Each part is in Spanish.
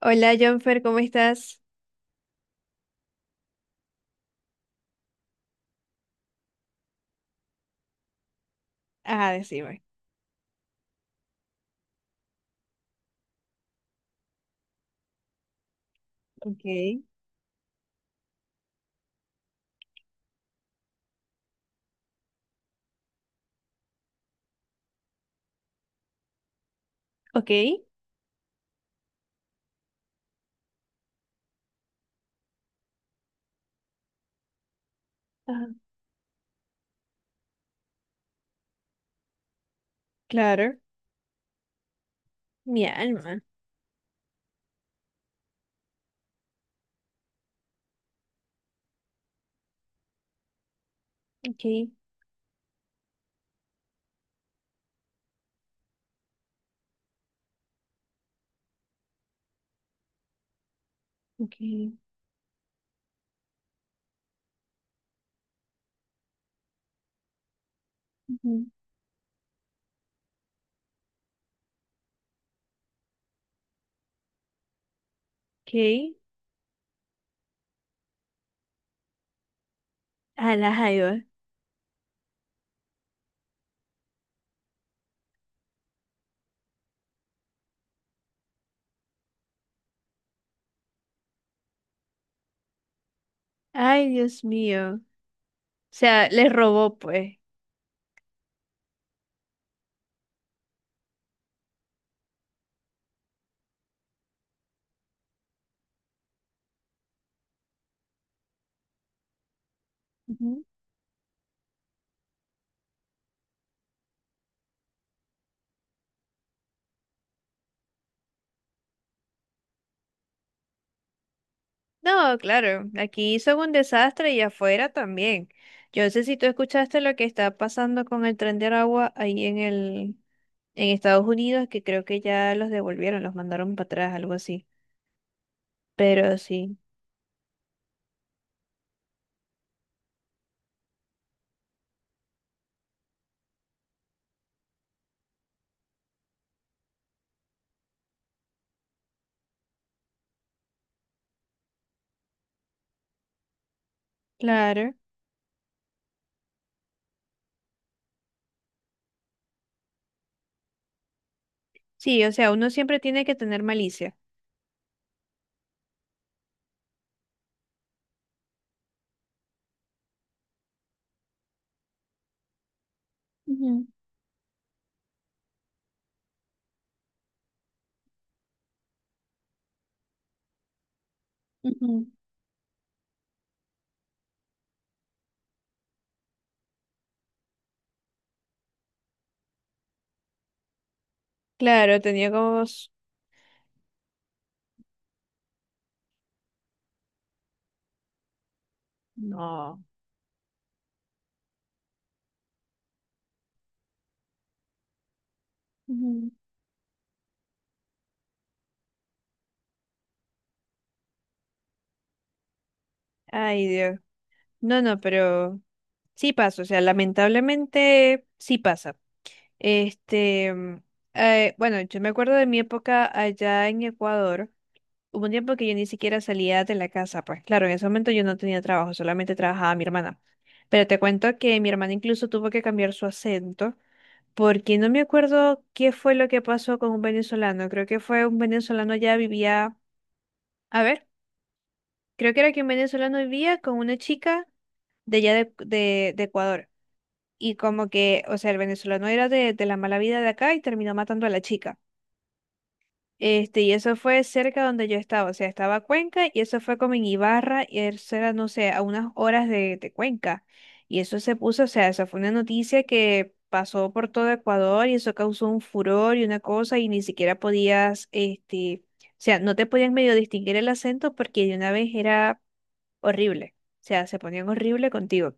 Hola, Jonfer, ¿cómo estás? Ah, decime. Ok. Ok. Ajá, claro. Mi alma. Ok. Ok. Ujú. Ok. A la jaiba. Ay, Dios mío. O sea, les robó, pues. Ujú. No, claro. Aquí hizo un desastre y afuera también. Yo no sé si tú escuchaste lo que está pasando con el tren de Aragua ahí en Estados Unidos, que creo que ya los devolvieron, los mandaron para atrás, algo así. Pero sí. Claro. Sí, o sea, uno siempre tiene que tener malicia. Ujú, ujú. Claro, teníamos... No. Ujú. Ay, Dios. No, no, pero sí pasa, o sea, lamentablemente sí pasa. Este, mm, bueno, yo me acuerdo de mi época allá en Ecuador. Hubo un tiempo que yo ni siquiera salía de la casa, pues claro, en ese momento yo no tenía trabajo, solamente trabajaba mi hermana. Pero te cuento que mi hermana incluso tuvo que cambiar su acento porque no me acuerdo qué fue lo que pasó con un venezolano. Creo que fue un venezolano ya vivía, a ver, creo que era que un venezolano vivía con una chica de allá de Ecuador. Y como que, o sea, el venezolano era de la mala vida de acá y terminó matando a la chica. Este, y eso fue cerca donde yo estaba, o sea, estaba Cuenca y eso fue como en Ibarra y eso era, no sé, a unas horas de Cuenca. Y eso se puso, o sea, eso fue una noticia que pasó por todo Ecuador y eso causó un furor y una cosa y ni siquiera podías, este, o sea, no te podían medio distinguir el acento porque de una vez era horrible, o sea, se ponían horrible contigo.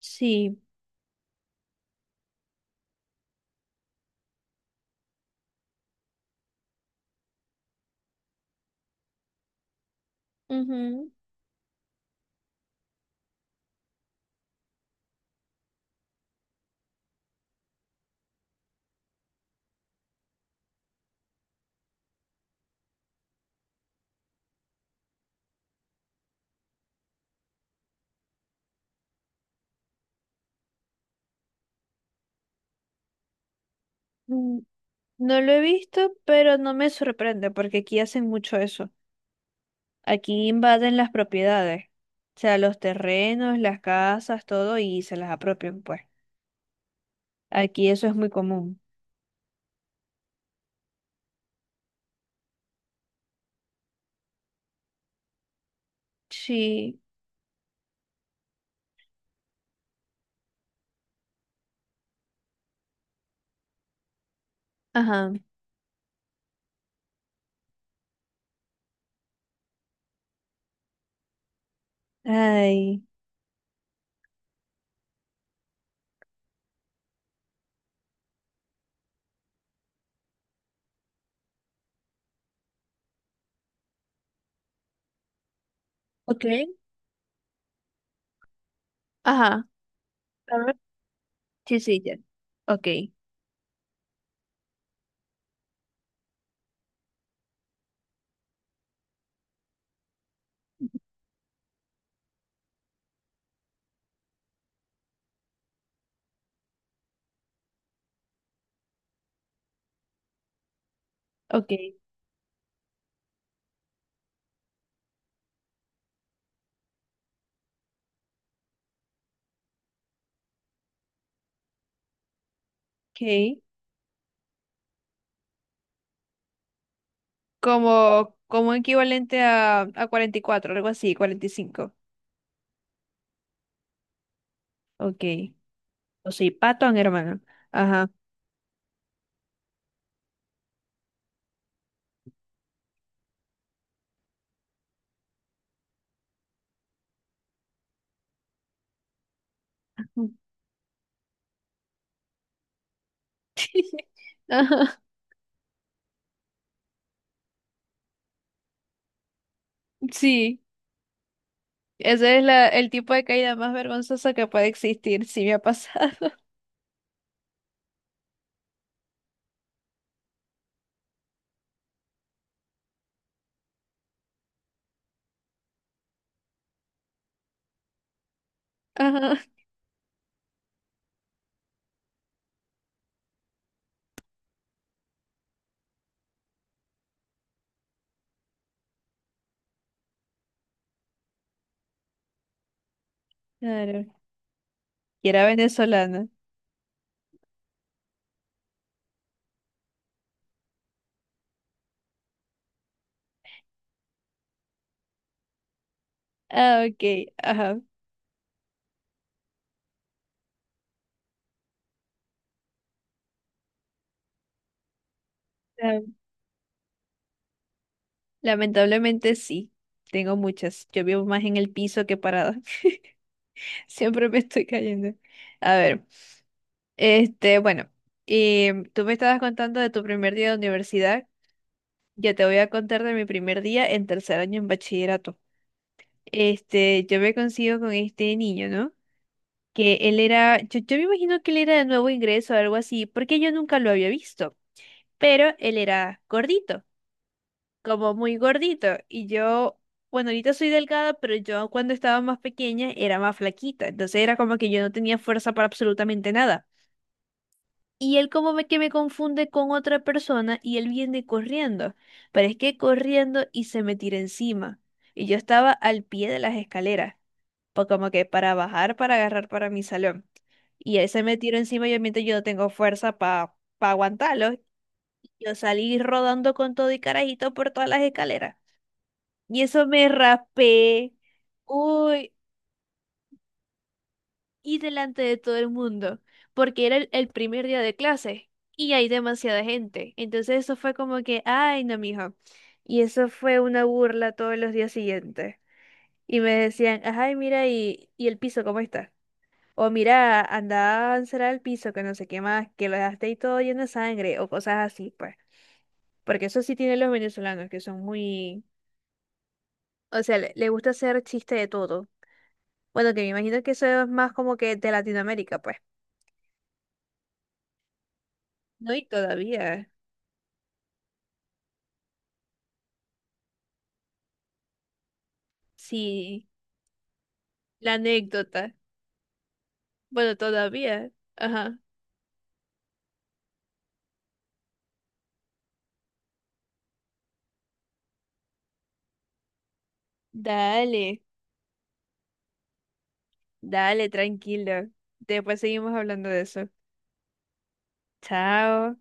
Sí, ujú. mm, No lo he visto, pero no me sorprende porque aquí hacen mucho eso. Aquí invaden las propiedades, o sea, los terrenos, las casas, todo, y se las apropian, pues. Aquí eso es muy común. Sí, ajá. Ay. Ok. Ajá. A ver. Sí, sí, ya. Ok, ok, ok. Como, como equivalente a 44, algo así, cuarenta y cinco. Ok. O sí, patón, hermano. Ajá. Ajá. Sí, ese es el tipo de caída más vergonzosa que puede existir, sí me ha pasado. Ajá, claro. Y era venezolana. Ah, ok, ajá. Ah, lamentablemente sí, tengo muchas. Yo vivo más en el piso que parada. Siempre me estoy cayendo. A ver, este, bueno, tú me estabas contando de tu primer día de universidad. Yo te voy a contar de mi primer día en tercer año en bachillerato. Este, yo me consigo con este niño, ¿no? Que él era, yo me imagino que él era de nuevo ingreso o algo así, porque yo nunca lo había visto, pero él era gordito, como muy gordito. Y yo, bueno, ahorita soy delgada, pero yo cuando estaba más pequeña era más flaquita. Entonces era como que yo no tenía fuerza para absolutamente nada. Y él como me, que me confunde con otra persona y él viene corriendo. Pero es que corriendo y se me tira encima. Y yo estaba al pie de las escaleras, pues como que para bajar, para agarrar para mi salón. Y él se me tiró encima y obviamente yo no tengo fuerza para aguantarlo. Yo salí rodando con todo y carajito por todas las escaleras. Y eso me raspé. Uy, y delante de todo el mundo, porque era el primer día de clase y hay demasiada gente. Entonces eso fue como que, ay, no, mijo. Y eso fue una burla todos los días siguientes. Y me decían, ay, mira, y el piso, ¿cómo está? O mira, anda a avanzar al piso, que no sé qué más, que lo dejaste ahí todo lleno de sangre, o cosas así, pues. Porque eso sí tienen los venezolanos, que son muy... O sea, le gusta hacer chiste de todo. Bueno, que me imagino que eso es más como que de Latinoamérica, pues. No, y todavía. Sí, la anécdota. Bueno, todavía. Ajá. Dale, dale, tranquilo. Después seguimos hablando de eso. Chao.